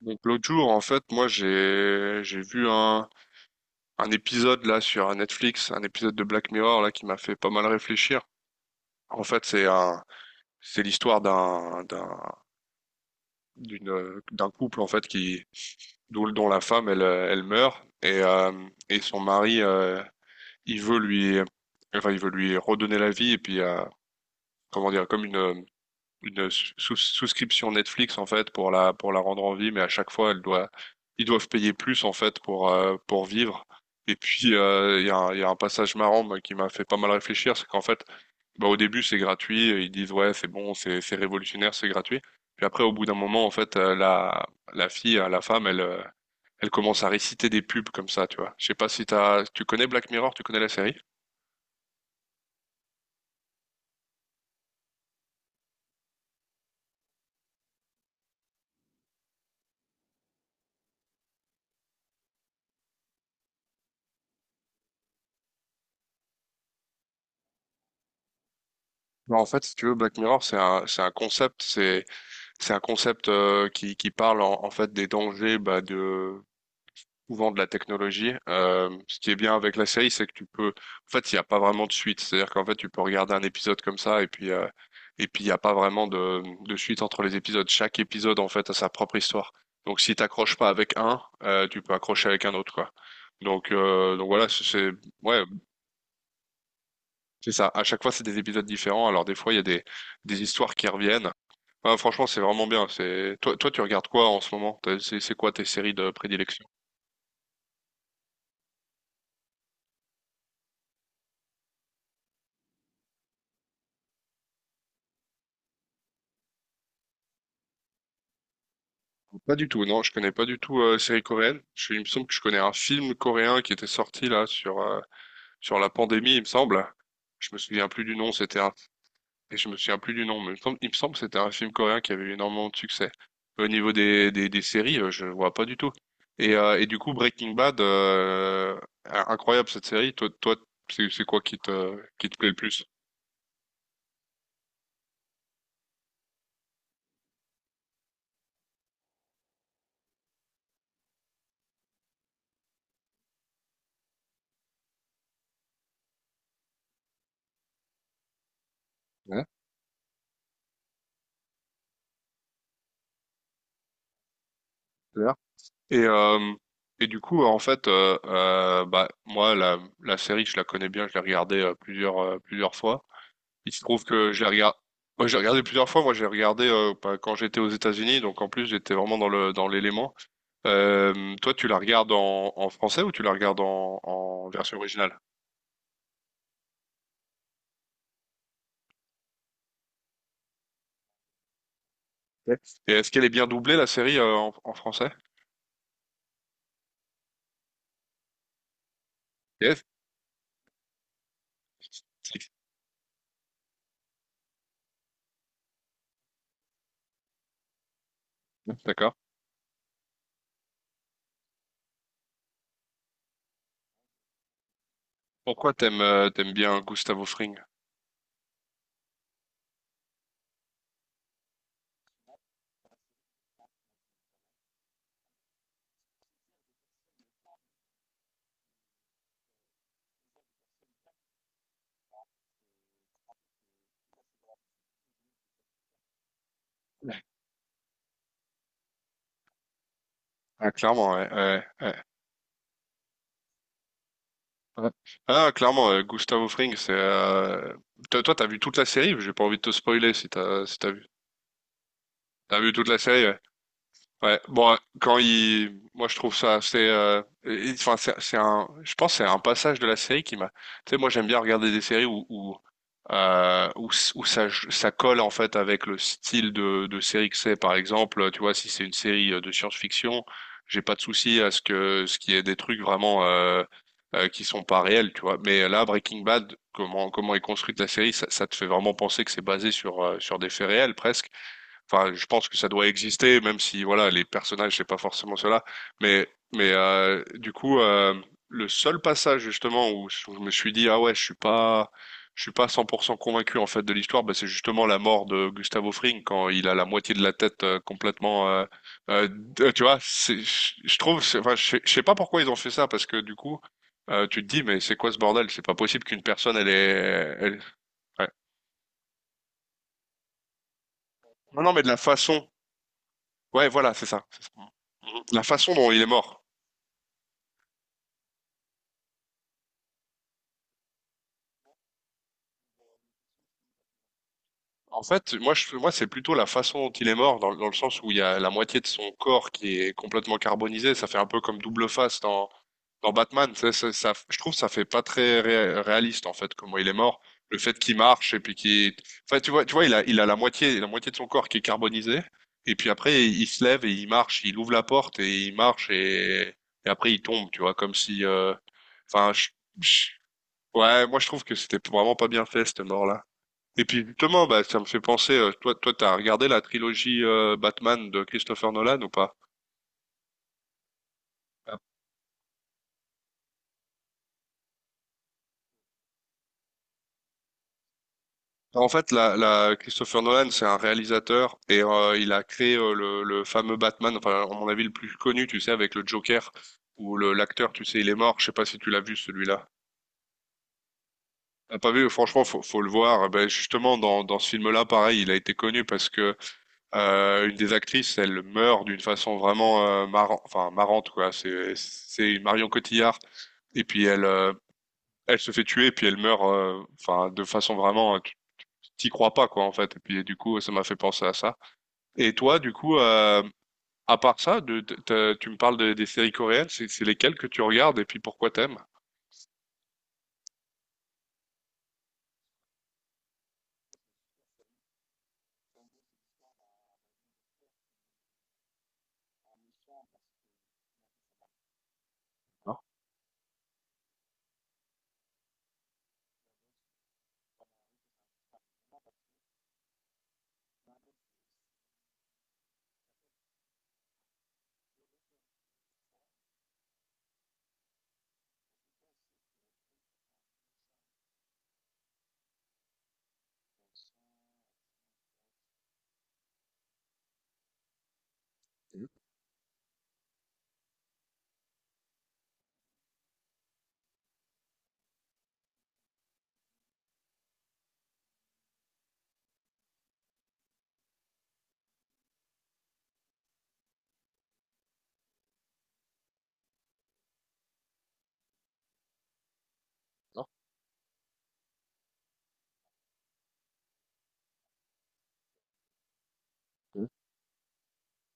Donc l'autre jour, en fait, moi j'ai vu un épisode là sur Netflix, un épisode de Black Mirror là qui m'a fait pas mal réfléchir. En fait, c'est l'histoire d'un couple en fait qui dont la femme elle meurt et son mari il veut lui enfin il veut lui redonner la vie et puis comment dire comme une souscription Netflix en fait pour la rendre en vie, mais à chaque fois elle doit ils doivent payer plus en fait pour vivre. Et puis il y a un passage marrant, moi, qui m'a fait pas mal réfléchir, c'est qu'en fait, bah, au début c'est gratuit, ils disent ouais, c'est bon, c'est révolutionnaire, c'est gratuit. Puis après au bout d'un moment en fait, la fille, la femme, elle commence à réciter des pubs comme ça, tu vois. Je sais pas si tu connais Black Mirror, tu connais la série? Bah, en fait, si tu veux, Black Mirror, c'est un concept. C'est un concept qui parle en fait des dangers, bah, de souvent de la technologie. Ce qui est bien avec la série, c'est que tu peux. En fait, il n'y a pas vraiment de suite. C'est-à-dire qu'en fait, tu peux regarder un épisode comme ça et puis et puis il n'y a pas vraiment de suite entre les épisodes. Chaque épisode en fait a sa propre histoire. Donc si t'accroches pas avec un, tu peux accrocher avec un autre, quoi. Donc voilà, ouais, c'est ça. À chaque fois, c'est des épisodes différents. Alors des fois, il y a des histoires qui reviennent. Ah, franchement, c'est vraiment bien. Toi, tu regardes quoi en ce moment? C'est quoi tes séries de prédilection? Pas du tout, non, je connais pas du tout, séries coréennes. Il me semble que je connais un film coréen qui était sorti là sur, sur la pandémie, il me semble. Je me souviens plus du nom. Et je me souviens plus du nom, mais il me semble que c'était un film coréen qui avait eu énormément de succès. Au niveau des séries, je vois pas du tout. Et du coup, Breaking Bad, incroyable, cette série. Toi, c'est quoi qui te plaît le plus? Ouais. Et, euh, et du coup, en fait, bah, moi, la série, je la connais bien, je l'ai regardée, plusieurs fois. Il se trouve que je l'ai regardée. Moi, j'ai regardé plusieurs fois. Moi, j'ai regardé, bah, quand j'étais aux États-Unis, donc en plus, j'étais vraiment dans le, dans l'élément. Toi, tu la regardes en français ou tu la regardes en version originale? Ouais. Et est-ce qu'elle est bien doublée, la série, en français? Yes. D'accord. Pourquoi t'aimes bien Gustavo Fring? Ah, clairement, ouais, ouais, ouais. Ouais. Ah, clairement, Gustavo Fring, c'est. Toi, t'as vu toute la série? J'ai pas envie de te spoiler si t'as vu. T'as vu toute la série? Ouais. Ouais, bon, moi je trouve ça assez, enfin c'est un, je pense que c'est un passage de la série qui m'a, tu sais, moi j'aime bien regarder des séries où ça colle en fait avec le style de série que c'est. Par exemple, tu vois, si c'est une série, de science-fiction, j'ai pas de souci à ce que ce qu'il y ait des trucs vraiment, qui sont pas réels, tu vois. Mais là, Breaking Bad, comment est construite la série, ça te fait vraiment penser que c'est basé sur des faits réels presque. Enfin, je pense que ça doit exister, même si voilà, les personnages, c'est pas forcément cela. Mais, mais, du coup, le seul passage justement où je me suis dit ah ouais, je suis pas 100% convaincu en fait de l'histoire, bah, c'est justement la mort de Gustavo Fring quand il a la moitié de la tête, complètement. Tu vois, c'est, je trouve, enfin, je sais pas pourquoi ils ont fait ça, parce que du coup, tu te dis, mais c'est quoi ce bordel? C'est pas possible qu'une personne elle est, elle- ouais. Non non, mais de la façon. Ouais, voilà, c'est ça. La façon dont il est mort. En fait, moi, moi, c'est plutôt la façon dont il est mort, dans le sens où il y a la moitié de son corps qui est complètement carbonisé. Ça fait un peu comme double face dans Batman. Je trouve que ça fait pas très réaliste, en fait, comment il est mort. Le fait qu'il marche et puis enfin, tu vois, il a la moitié de son corps qui est carbonisé. Et puis après, il se lève et il marche, il ouvre la porte et il marche, et après il tombe, tu vois, comme si, enfin, je- ouais, moi, je trouve que c'était vraiment pas bien fait, cette mort-là. Et puis justement, bah, ça me fait penser, toi, t'as regardé la trilogie, Batman, de Christopher Nolan ou pas? En fait, Christopher Nolan, c'est un réalisateur, et il a créé, le fameux Batman, enfin, à mon avis, le plus connu, tu sais, avec le Joker, où l'acteur, tu sais, il est mort. Je sais pas si tu l'as vu, celui-là. T'as pas vu? Franchement, faut le voir. Eh ben, justement, dans ce film-là, pareil, il a été connu parce que, une des actrices, elle meurt d'une façon vraiment, marrant, enfin, marrante, quoi. C'est Marion Cotillard. Et puis elle se fait tuer, puis elle meurt, enfin, de façon vraiment, tu t'y crois pas, quoi, en fait, et puis du coup ça m'a fait penser à ça. Et toi, du coup, à part ça, de- t'as- tu me parles de- des séries coréennes, c'est lesquelles que tu regardes, et puis pourquoi t'aimes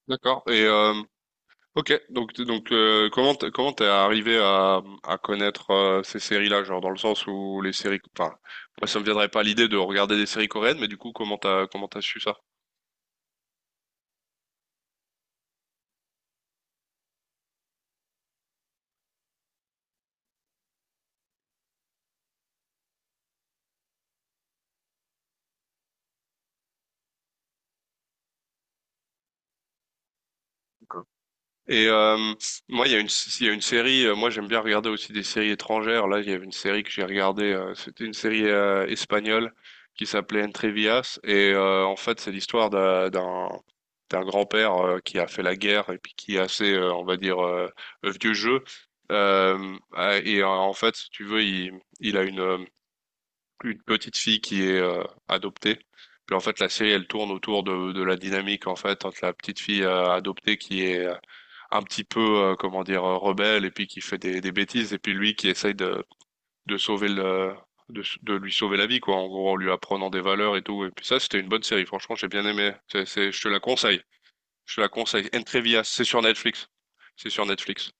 d'accord. Ok, donc comment t'es arrivé à connaître, ces séries-là, genre dans le sens où les séries, enfin, moi ça me viendrait pas l'idée de regarder des séries coréennes, mais du coup comment t'as su ça? Et, moi, il y a une série. Moi, j'aime bien regarder aussi des séries étrangères. Là, il y avait une série que j'ai regardée. C'était une série, espagnole, qui s'appelait Entrevias. Et en fait, c'est l'histoire d'un grand-père, qui a fait la guerre et puis qui est assez, on va dire, vieux jeu. Euh, ah, et en fait, si tu veux, il a une petite fille qui est, adoptée. Puis en fait, la série, elle tourne autour de la dynamique en fait entre la petite fille, adoptée, qui est un petit peu, comment dire, rebelle, et puis qui fait des bêtises, et puis lui qui essaye de sauver le de lui sauver la vie, quoi, en gros, en lui apprenant des valeurs et tout. Et puis ça, c'était une bonne série, franchement, j'ai bien aimé. C'est Je te la conseille. Entrevias, c'est sur Netflix. c'est sur Netflix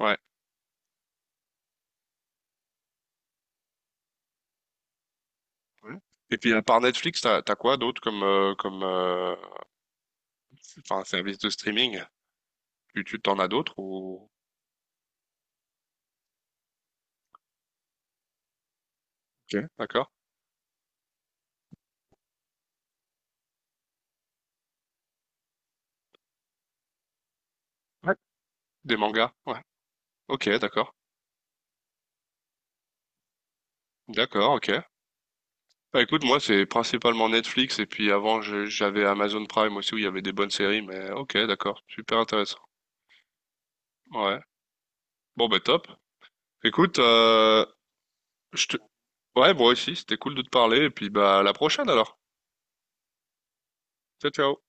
ouais. Ouais. Et puis, à part Netflix, t'as quoi d'autre comme, comme, enfin, service de streaming, tu t'en as d'autres ou? Ok. D'accord. Ouais. Des mangas, ouais. Ok. D'accord. D'accord. Ok. Bah écoute, moi c'est principalement Netflix, et puis avant j'avais Amazon Prime aussi, où il y avait des bonnes séries, mais ok, d'accord, super intéressant. Ouais. Bon bah, top. Écoute. Je te... ouais, moi aussi, c'était cool de te parler, et puis bah, à la prochaine alors. Ciao, ciao.